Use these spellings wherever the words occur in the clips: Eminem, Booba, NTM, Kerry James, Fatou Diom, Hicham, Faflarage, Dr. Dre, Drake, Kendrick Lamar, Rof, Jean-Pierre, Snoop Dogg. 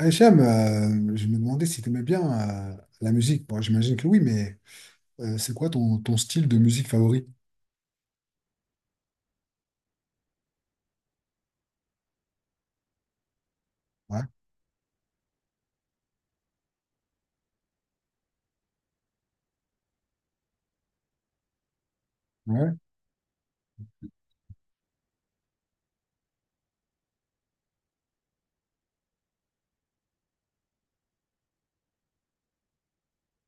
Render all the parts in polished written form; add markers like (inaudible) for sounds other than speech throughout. Hicham, je me demandais si tu aimais bien euh, la musique. Bon, j'imagine que oui, mais c'est quoi ton style de musique favori? Ouais, ouais,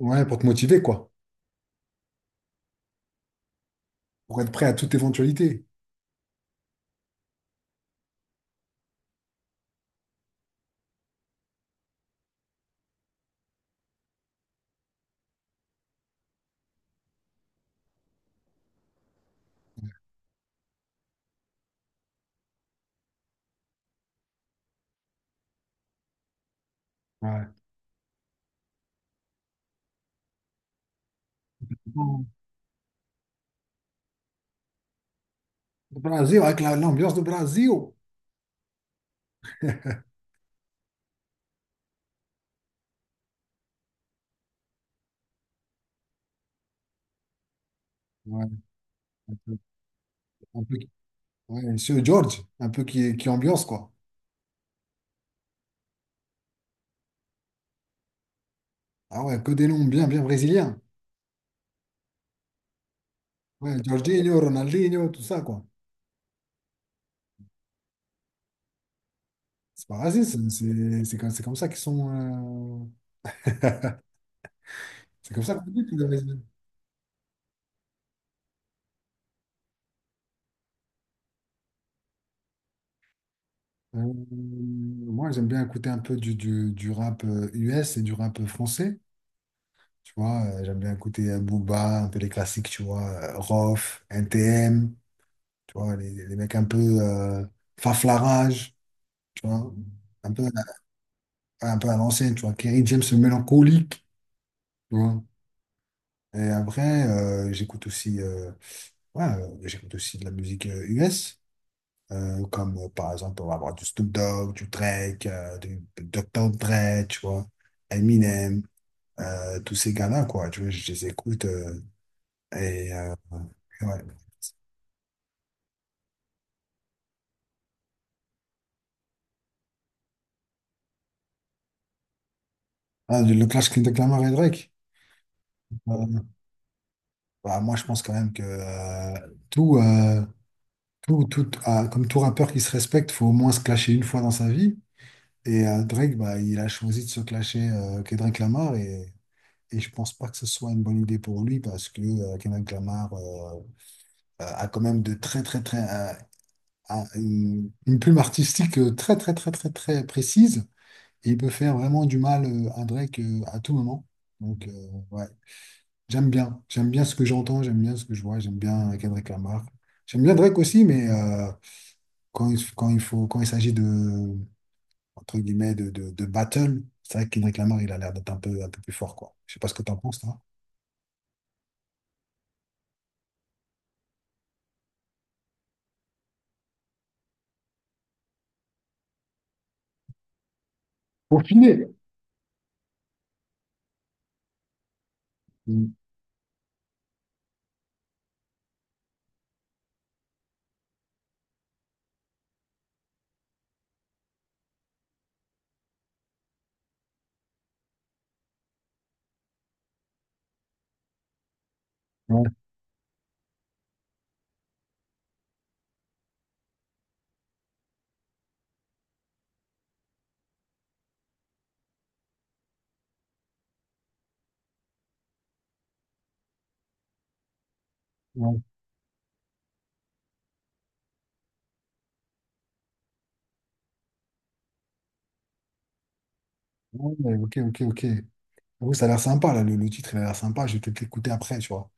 ouais, pour te motiver, quoi. Pour être prêt à toute éventualité. Ouais. Bon, le Brésil, avec l'ambiance de Brésil. Ouais, un peu, un peu- ouais, Monsieur George, un peu qui ambiance, quoi. Ah ouais, que des noms bien, bien brésiliens. Ouais, Jorginho, Ronaldinho, tout ça, quoi. C'est pas raciste, hein, c'est comme, c'est comme ça qu'ils sont. C'est comme ça qu'on dit. Euh, Moi, j'aime bien écouter un peu du rap US et du rap français. Tu vois, j'aime bien écouter Booba, un peu les classiques, tu vois, Rof, NTM, tu vois, les mecs un peu Faflarage, tu vois, un peu, un peu à l'ancienne, tu vois, Kerry James le mélancolique, tu vois. Et après, j'écoute aussi, ouais, j'écoute aussi de la musique US, comme par exemple, on va avoir du Snoop Dogg, du Drake, du Dr. Dre, tu vois. Eminem, tous ces gars-là, quoi. Tu vois, je les écoute. Et euh, et ouais. Ah, le clash de Clamart et Drake. Euh, Bah, moi, je pense quand même que tout, euh, comme tout rappeur qui se respecte, faut au moins se clasher une fois dans sa vie. Et Drake, bah, il a choisi de se clasher Kendrick Lamar et je pense pas que ce soit une bonne idée pour lui parce que Kendrick Lamar a quand même de très, très, très, a une plume artistique très, très, très, très, très précise. Et il peut faire vraiment du mal à Drake à tout moment. Donc, ouais, j'aime bien. J'aime bien ce que j'entends, j'aime bien ce que je vois, j'aime bien Kendrick Lamar. J'aime bien Drake aussi, mais quand il faut, quand il s'agit de, entre guillemets, de battle, c'est vrai que Kendrick Lamar, il a l'air d'être un peu plus fort, quoi. Je sais pas ce que t'en penses, toi. Pour finir. Mm. Ouais, ouais, ouais, ok, ok, ok. J'avoue, ça a l'air sympa, là, le titre, il a l'air sympa. Je vais peut-être l'écouter après, tu vois.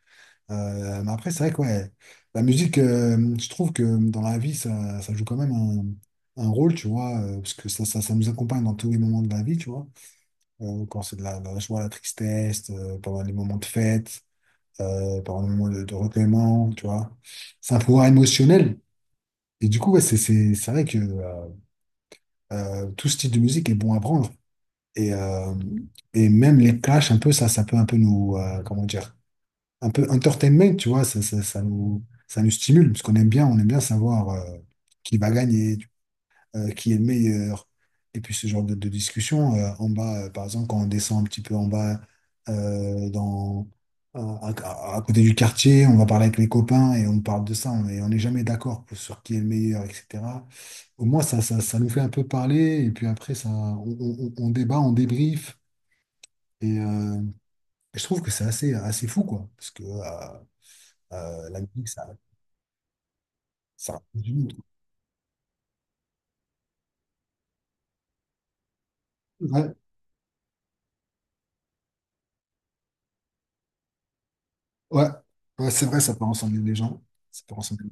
Mais après, c'est vrai que ouais, la musique, je trouve que dans la vie, ça joue quand même un rôle, tu vois, parce que ça nous accompagne dans tous les moments de la vie, tu vois. Quand c'est de la joie, la tristesse, pendant les moments de fête, pendant les moments de recueillement, tu vois. C'est un pouvoir émotionnel. Et du coup, ouais, c'est vrai que tout style de musique est bon à prendre. Et, euh, et même les clashs, un peu, ça peut un peu nous, comment dire, un peu entertainment, tu vois, ça nous stimule, parce qu'on aime bien, on aime bien savoir qui va gagner, qui est le meilleur. Et puis ce genre de discussion, en bas, par exemple, quand on descend un petit peu en bas, euh, dans, à, à côté du quartier, on va parler avec les copains et on parle de ça, et on n'est jamais d'accord sur qui est le meilleur, etc. Au moins, ça nous fait un peu parler, et puis après, on débat, on débriefe. Et euh, je trouve que c'est assez, assez fou, quoi. Parce que, la musique, ça réunit. Ouais, hein. Ouais, ouais, c'est vrai, ça peut rassembler les gens. Ça peut rassembler.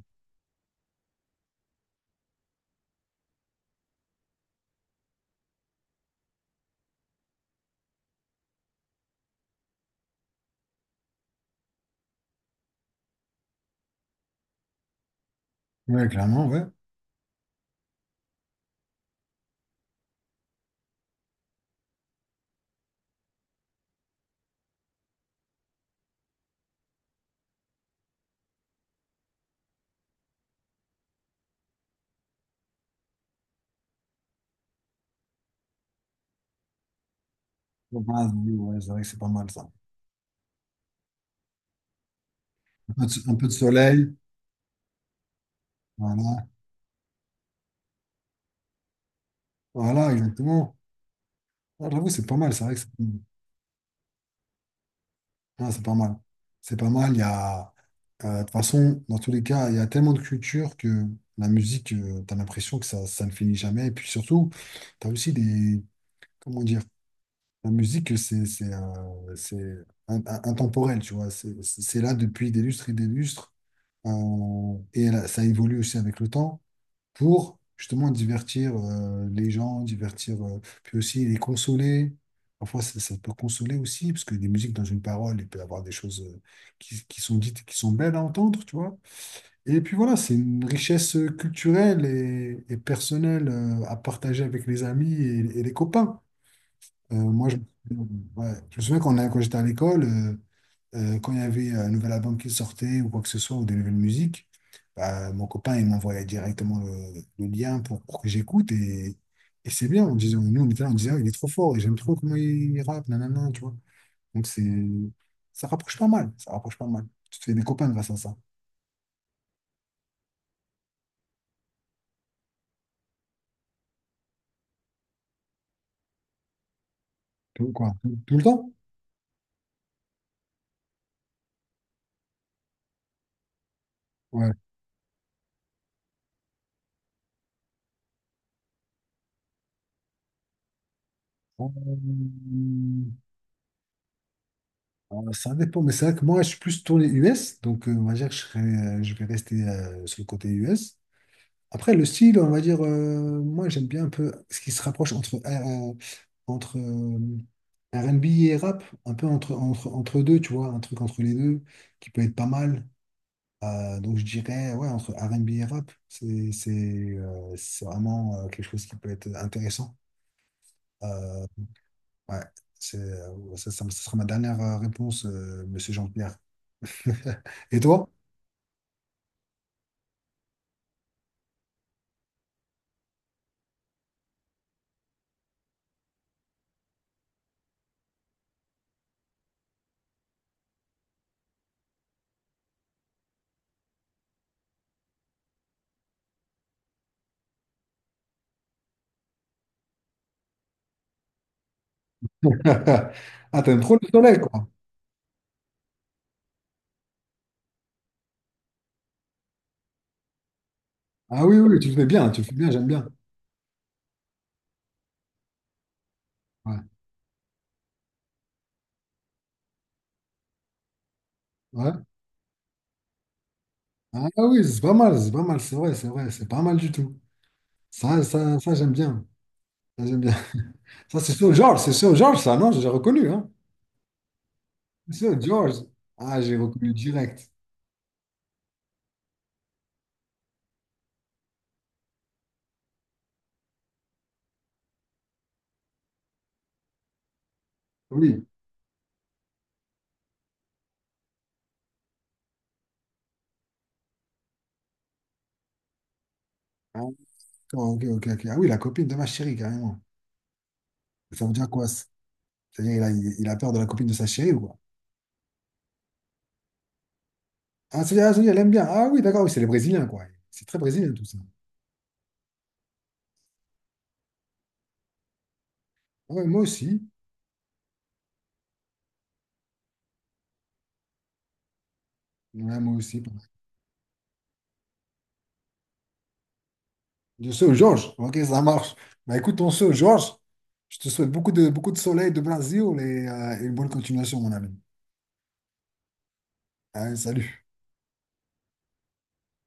Ouais, clairement, ouais. Ouais, bah, oui, ouais, c'est vrai que c'est pas mal ça. Un peu de soleil, voilà. Voilà, exactement. Ah, j'avoue, c'est pas mal, c'est vrai que c'est pas mal. C'est pas mal, il y a. De toute façon, dans tous les cas, il y a tellement de culture que la musique, tu as l'impression que ça ne finit jamais. Et puis surtout, tu as aussi des. Comment dire? La musique, c'est intemporel, tu vois. C'est là depuis des lustres et des lustres. Et là, ça évolue aussi avec le temps pour justement divertir les gens, divertir, puis aussi les consoler. Parfois, ça peut consoler aussi, parce que des musiques dans une parole, il peut y avoir des choses qui sont dites, et qui sont belles à entendre, tu vois. Et puis voilà, c'est une richesse culturelle et personnelle à partager avec les amis et les copains. Euh, moi, je, ouais. Je me souviens quand j'étais à l'école, quand il y avait un nouvel album qui sortait ou quoi que ce soit, ou des nouvelles musiques, bah, mon copain, il m'envoyait directement le lien pour que j'écoute. Et c'est bien, on disait, nous, on était là, on disait: Ah, il est trop fort, et j'aime trop comment il rappe, nanana, tu vois. Donc, ça rapproche pas mal, ça rapproche pas mal. Tu te fais des copains grâce à ça. Tout, quoi, tout, tout le temps? Ouais. Euh, Alors, ça dépend, mais c'est vrai que moi, je suis plus tourné US, donc on va dire que je vais rester sur le côté US. Après, le style, on va dire, moi, j'aime bien un peu ce qui se rapproche entre R&B et rap, un peu entre deux, tu vois, un truc entre les deux qui peut être pas mal. Donc, je dirais, ouais, entre R&B et rap, c'est vraiment quelque chose qui peut être intéressant. Euh, ouais, ça sera ma dernière réponse, Monsieur Jean-Pierre. Et toi? (laughs) Ah, t'aimes trop le soleil, quoi. Ah oui, oui, tu le fais bien, tu le fais bien, j'aime bien. Ouais. Ouais. Ah oui, c'est pas mal, c'est pas mal, c'est vrai, c'est vrai, c'est pas mal du tout. J'aime bien. Ça, j'aime bien. (laughs) Ça, c'est sur George, ça, non? J'ai reconnu, hein? Sur George. Ah, j'ai reconnu direct. Oui. Ah, d'accord, ok, ok, ok. Ah oui, la copine de ma chérie, carrément. Ça veut dire quoi? Ça C'est-à-dire, il a peur de la copine de sa chérie ou quoi? Ah, c'est-à-dire, elle aime bien. Ah oui, d'accord, oui, c'est les Brésiliens, quoi. C'est très brésilien, tout ça. Ah ouais, moi aussi. Ouais, moi aussi. De ce Georges. Ok, ça marche. Bah écoute, on se Georges. Je te souhaite beaucoup de soleil de Brésil et une bonne continuation, mon ami. Allez, salut.